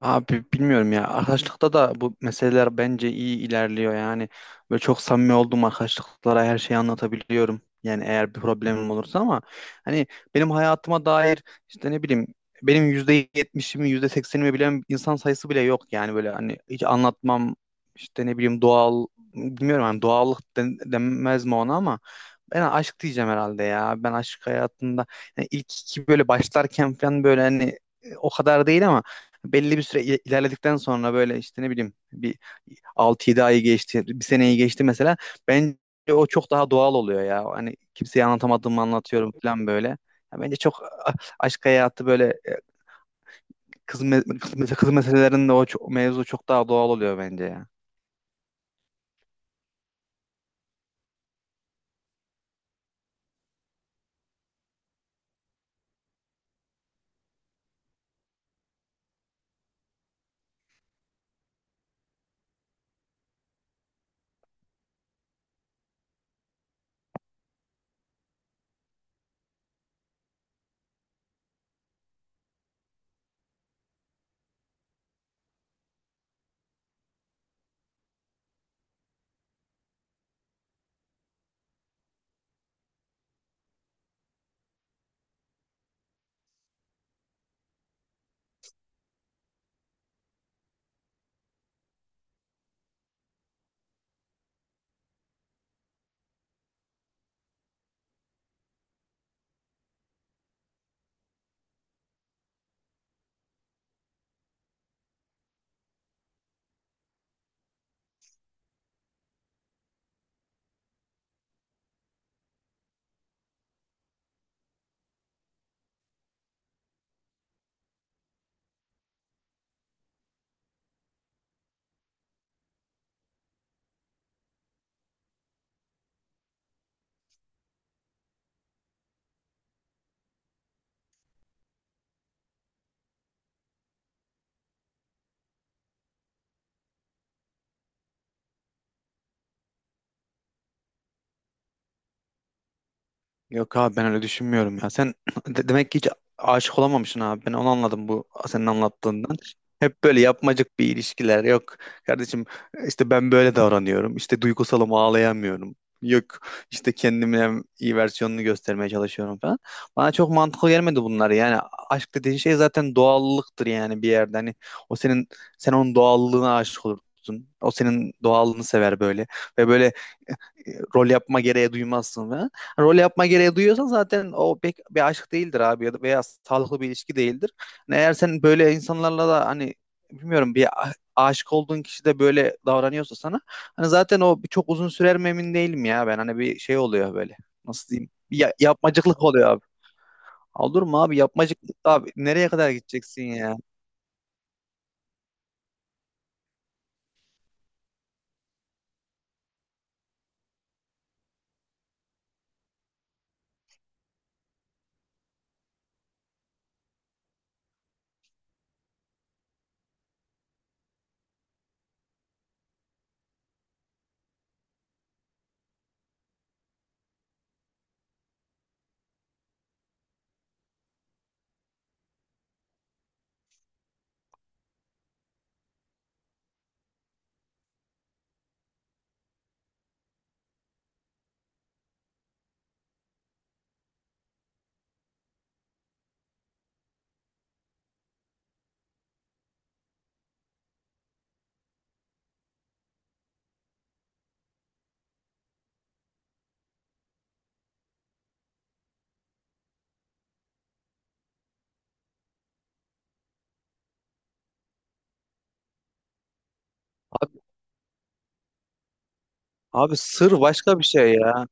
Abi bilmiyorum ya. Arkadaşlıkta da bu meseleler bence iyi ilerliyor. Yani böyle çok samimi olduğum arkadaşlıklara her şeyi anlatabiliyorum. Yani eğer bir problemim olursa ama hani benim hayatıma dair işte ne bileyim benim %70'imi, %80'imi bilen insan sayısı bile yok. Yani böyle hani hiç anlatmam işte ne bileyim doğal, bilmiyorum hani doğallık denmez mi ona ama ben aşk diyeceğim herhalde ya. Ben aşk hayatında yani ilk iki böyle başlarken falan böyle hani o kadar değil ama belli bir süre ilerledikten sonra böyle işte ne bileyim bir 6-7 ayı geçti, bir seneyi geçti mesela. Bence o çok daha doğal oluyor ya. Hani kimseye anlatamadığımı anlatıyorum falan böyle. Ya bence çok aşk hayatı böyle, kız meselelerinde mevzu çok daha doğal oluyor bence ya. Yok abi ben öyle düşünmüyorum ya. Sen demek ki hiç aşık olamamışsın abi. Ben onu anladım bu senin anlattığından. Hep böyle yapmacık bir ilişkiler. Yok kardeşim, işte ben böyle davranıyorum. İşte duygusalım, ağlayamıyorum. Yok, işte kendimin en iyi versiyonunu göstermeye çalışıyorum falan. Bana çok mantıklı gelmedi bunlar. Yani aşk dediğin şey zaten doğallıktır yani bir yerde. Hani o senin sen onun doğallığına aşık olursun. O senin doğallığını sever böyle. Ve böyle rol yapma gereği duymazsın falan. Hani rol yapma gereği duyuyorsan zaten o pek bir aşk değildir abi, ya da veya sağlıklı bir ilişki değildir. Hani eğer sen böyle insanlarla da hani bilmiyorum, bir aşık olduğun kişi de böyle davranıyorsa sana hani zaten o bir çok uzun sürer mi emin değilim ya, ben hani bir şey oluyor böyle, nasıl diyeyim, bir yapmacıklık oluyor abi. Olur mu abi, yapmacıklık abi nereye kadar gideceksin ya? Abi, abi sır başka bir şey ya.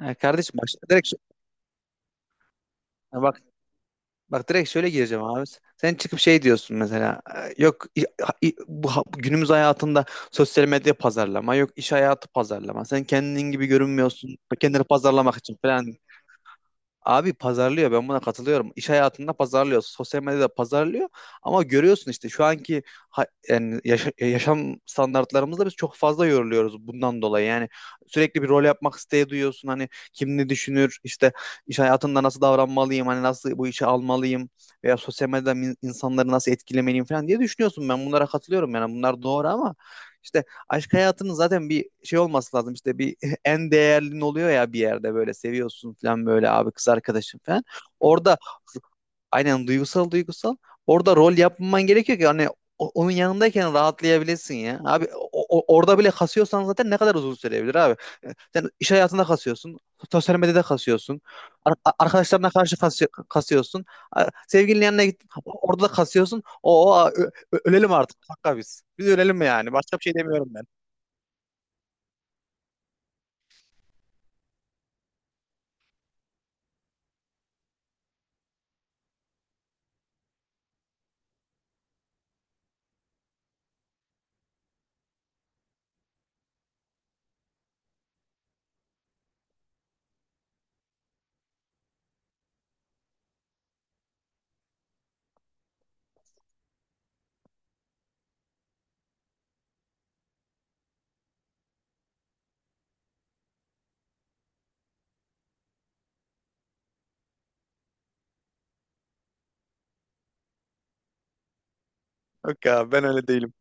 Ya kardeşim, başka direkt ya bak direkt şöyle gireceğim abi. Sen çıkıp şey diyorsun mesela. Yok, günümüz hayatında sosyal medya pazarlama, yok iş hayatı pazarlama. Sen kendin gibi görünmüyorsun. Kendini pazarlamak için falan. Abi pazarlıyor, ben buna katılıyorum. İş hayatında pazarlıyor, sosyal medyada pazarlıyor ama görüyorsun işte şu anki yani yaşam standartlarımızda biz çok fazla yoruluyoruz bundan dolayı. Yani sürekli bir rol yapmak isteği duyuyorsun, hani kim ne düşünür, işte iş hayatında nasıl davranmalıyım, hani nasıl bu işe almalıyım veya sosyal medyada insanları nasıl etkilemeliyim falan diye düşünüyorsun. Ben bunlara katılıyorum yani, bunlar doğru ama işte aşk hayatının zaten bir şey olması lazım, işte bir en değerlin oluyor ya bir yerde, böyle seviyorsun falan böyle abi, kız arkadaşın falan. Orada aynen, duygusal duygusal. Orada rol yapman gerekiyor ki hani onun yanındayken rahatlayabilesin ya. Abi orada bile kasıyorsan zaten ne kadar uzun sürebilir abi. Sen iş hayatında kasıyorsun. Sosyal medyada kasıyorsun. Arkadaşlarına karşı kasıyorsun. Sevgilinin yanına git. Orada da kasıyorsun. Ölelim artık. Hakka biz. Biz ölelim yani. Başka bir şey demiyorum ben. Yok ya, ben öyle değilim.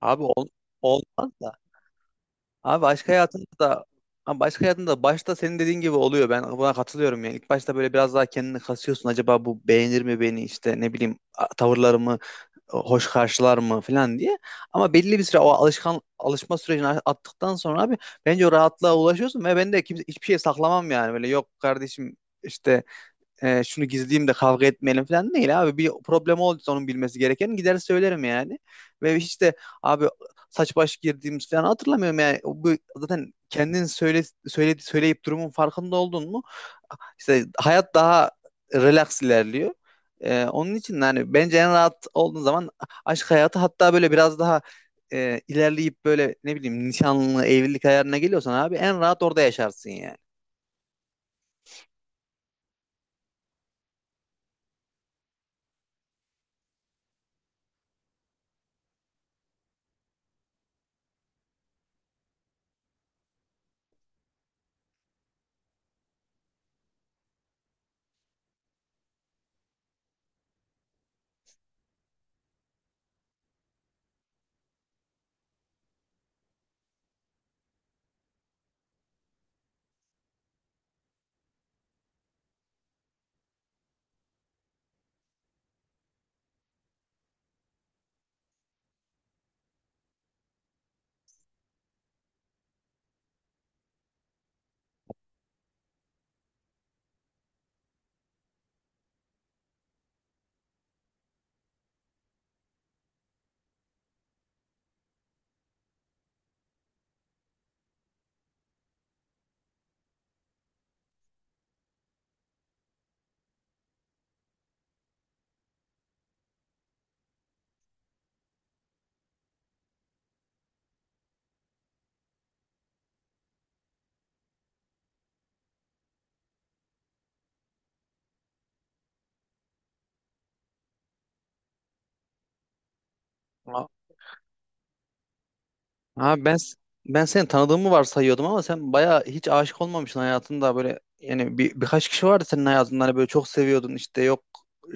Abi olmaz da. Abi başka hayatında da Abi başka hayatında da başta senin dediğin gibi oluyor. Ben buna katılıyorum yani. İlk başta böyle biraz daha kendini kasıyorsun. Acaba bu beğenir mi beni, işte ne bileyim, tavırlarımı hoş karşılar mı falan diye. Ama belli bir süre o alışma sürecini attıktan sonra abi bence o rahatlığa ulaşıyorsun ve ben de kimse hiçbir şey saklamam yani. Böyle yok kardeşim, işte şunu gizleyeyim de kavga etmeyelim falan değil abi. Bir problem olduysa onun bilmesi gereken, gider söylerim yani. Ve hiç de abi saç baş girdiğimiz falan hatırlamıyorum yani. Bu zaten kendin söyleyip durumun farkında oldun mu? İşte hayat daha relax ilerliyor. Onun için yani bence en rahat olduğun zaman aşk hayatı, hatta böyle biraz daha ilerleyip böyle ne bileyim nişanlı, evlilik ayarına geliyorsan abi en rahat orada yaşarsın yani. Abi ben seni tanıdığımı varsayıyordum ama sen bayağı hiç aşık olmamışsın hayatında. Böyle yani birkaç kişi vardı senin hayatında hani böyle çok seviyordun, işte yok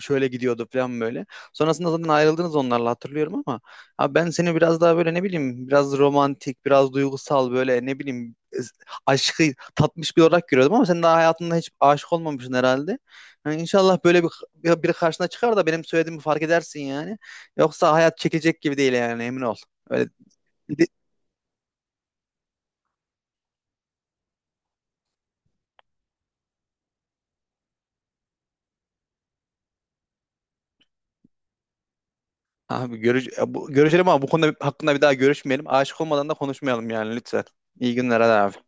şöyle gidiyordu falan böyle. Sonrasında zaten ayrıldınız onlarla, hatırlıyorum ama abi ben seni biraz daha böyle ne bileyim, biraz romantik, biraz duygusal, böyle ne bileyim, aşkı tatmış bir olarak görüyordum ama sen daha hayatında hiç aşık olmamışsın herhalde. Yani inşallah böyle biri karşına çıkar da benim söylediğimi fark edersin yani. Yoksa hayat çekecek gibi değil yani, emin ol. Öyle. Abi görüşelim ama bu konuda hakkında bir daha görüşmeyelim. Aşık olmadan da konuşmayalım yani lütfen. İyi günler hadi abi.